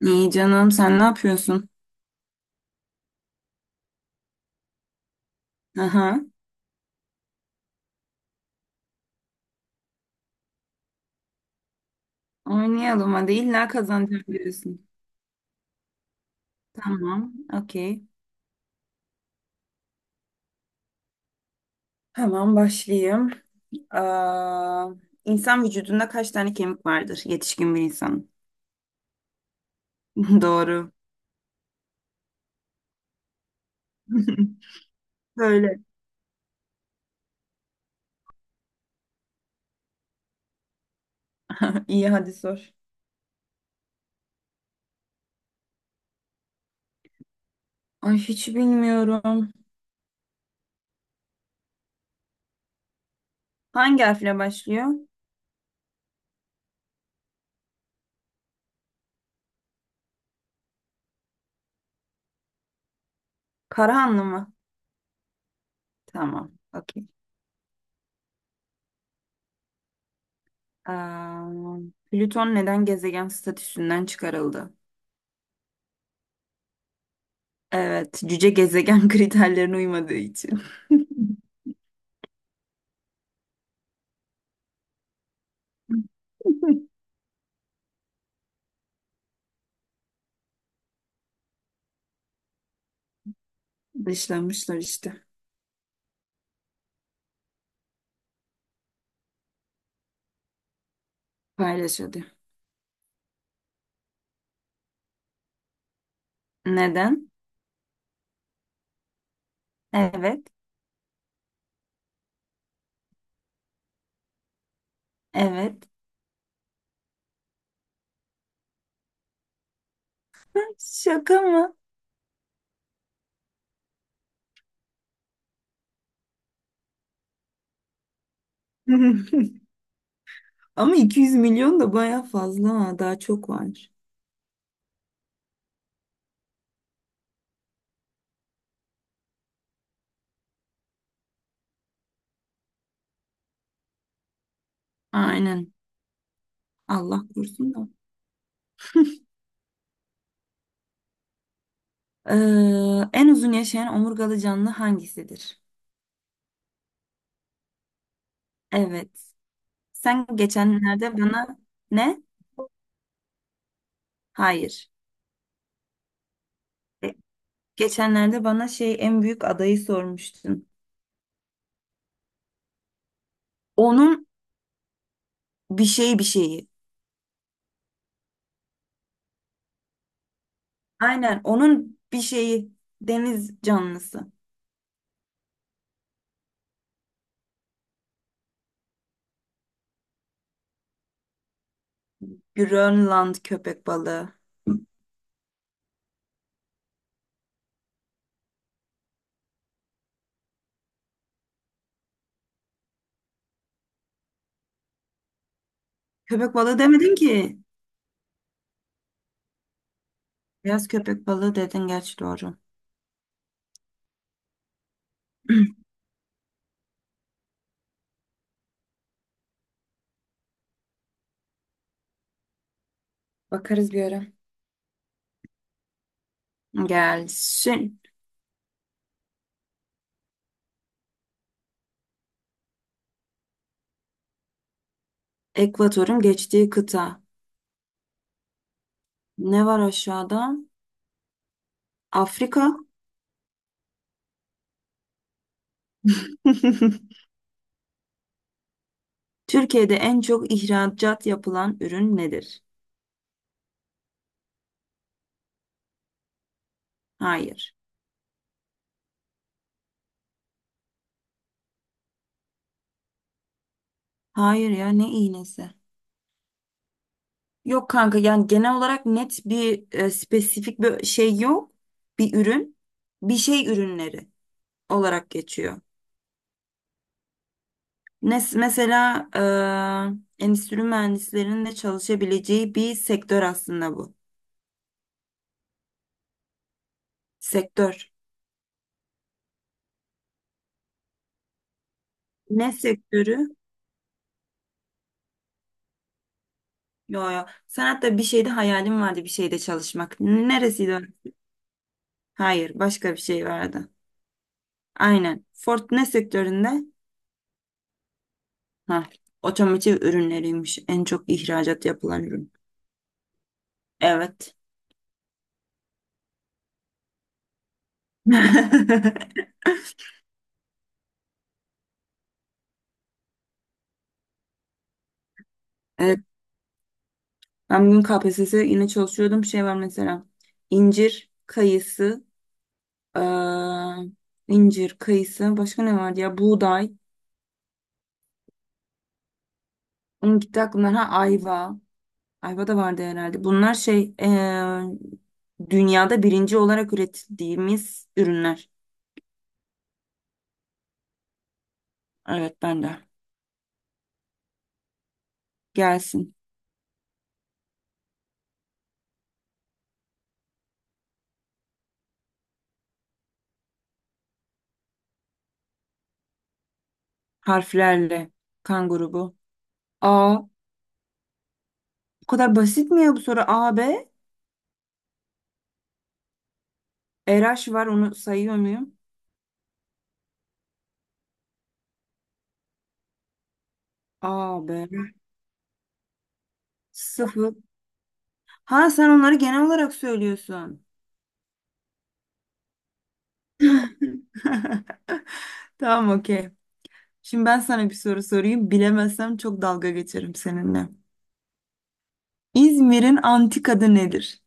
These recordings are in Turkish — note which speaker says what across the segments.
Speaker 1: İyi canım sen ne yapıyorsun? Aha. Oynayalım hadi illa kazanacağım diyorsun. Tamam, okey. Hemen başlayayım. Aa, insan vücudunda kaç tane kemik vardır yetişkin bir insanın? Doğru. Böyle. İyi hadi sor. Ay hiç bilmiyorum. Hangi harfle başlıyor? Karahanlı mı? Tamam, okey. Aa, Plüton neden gezegen statüsünden çıkarıldı? Evet, cüce gezegen kriterlerine uymadığı için. Dışlamışlar işte. Paylaşıldı. Neden? Evet. Evet. Şaka mı? Ama 200 milyon da baya fazla. Ha, daha çok var. Aynen. Allah korusun da. En uzun yaşayan omurgalı canlı hangisidir? Evet. Sen geçenlerde bana ne? Hayır. E, Geçenlerde bana şey en büyük adayı sormuştun. Onun bir şeyi. Aynen onun bir şeyi, deniz canlısı. Grönland köpek balığı. Köpek balığı demedin ki. Beyaz köpek balığı dedin, gerçi doğru. Bakarız bir ara. Gelsin. Ekvatorun geçtiği kıta. Ne var aşağıda? Afrika. Türkiye'de en çok ihracat yapılan ürün nedir? Hayır. Hayır ya, ne iğnesi? Yok kanka, yani genel olarak net bir spesifik bir şey yok. Bir ürün. Bir şey ürünleri olarak geçiyor. Mesela endüstri mühendislerinin de çalışabileceği bir sektör aslında bu. Sektör. Ne sektörü? Yo, yo. Sen hatta bir şeyde hayalim vardı, bir şeyde çalışmak. Neresiydi? O? Hayır, başka bir şey vardı. Aynen. Ford ne sektöründe? Ha, otomotiv ürünleriymiş. En çok ihracat yapılan ürün. Evet. Evet. Ben bugün KPSS yine çalışıyordum. Şey var mesela. İncir, kayısı, Ee, incir, kayısı. Başka ne vardı ya? Buğday. Onun gitti aklımdan. Ha, ayva. Ayva da vardı herhalde. Bunlar şey, dünyada birinci olarak üretildiğimiz ürünler. Evet, ben de. Gelsin. Harflerle. Kan grubu. A. Bu kadar basit mi ya bu soru? A, B. RH var, onu sayıyor muyum? A, B. Sıfır. Ha, sen onları genel olarak söylüyorsun. Tamam, okey. Şimdi ben sana bir soru sorayım. Bilemezsem çok dalga geçerim seninle. İzmir'in antik adı nedir?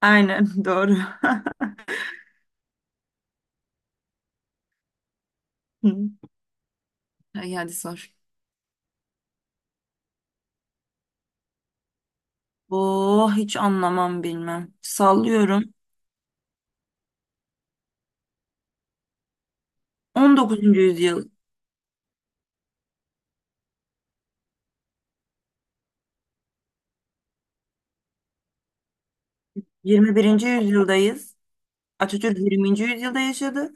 Speaker 1: Aynen doğru. Ay hadi sor. Oh, hiç anlamam bilmem. Sallıyorum. 19. yüzyıl, 21. yüzyıldayız. Atatürk 20. yüzyılda yaşadı.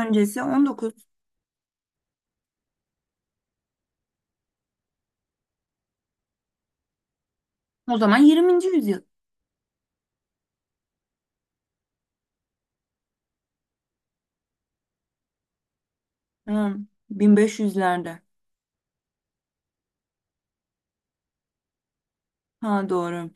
Speaker 1: Öncesi 19. O zaman 20. yüzyıl. Hmm, 1500'lerde. Ha, doğru.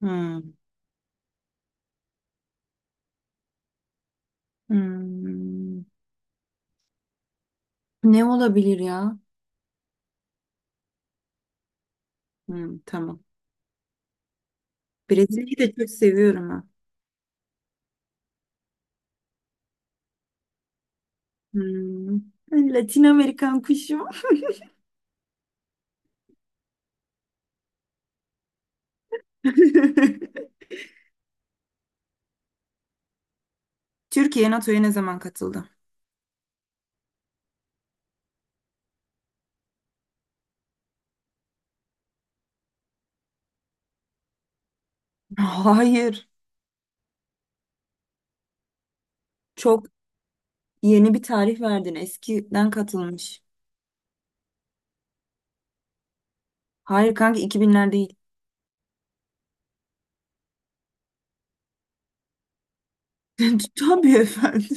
Speaker 1: Hmm. Hmm. Ne olabilir ya? Hmm, tamam. Brezilya'yı da çok seviyorum. Hmm. Latin Amerikan kuşu. Türkiye NATO'ya ne zaman katıldı? Hayır. Çok yeni bir tarih verdin. Eskiden katılmış. Hayır kanka, 2000'ler değil. Tabii efendim.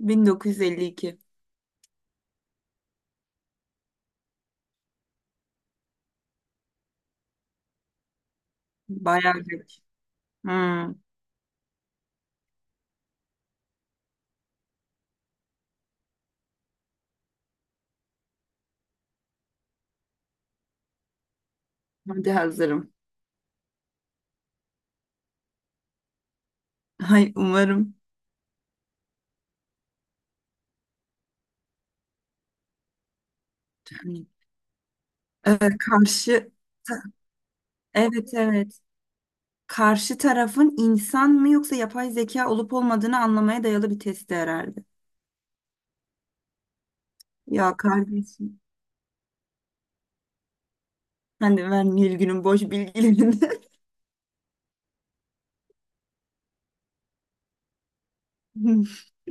Speaker 1: 1952. Bayağı geç. Hmm. Hadi hazırım. Hay umarım. Karşı Evet, evet. Karşı tarafın insan mı yoksa yapay zeka olup olmadığını anlamaya dayalı bir testi herhalde. Ya kardeşim. Sen de, ben Nilgün'ün boş bilgilerinde.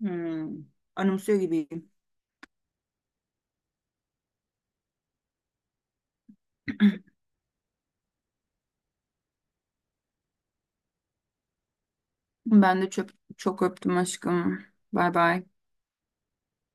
Speaker 1: Hmm. Anımsıyor gibiyim. Ben de çok, çok öptüm aşkım. Bay bay.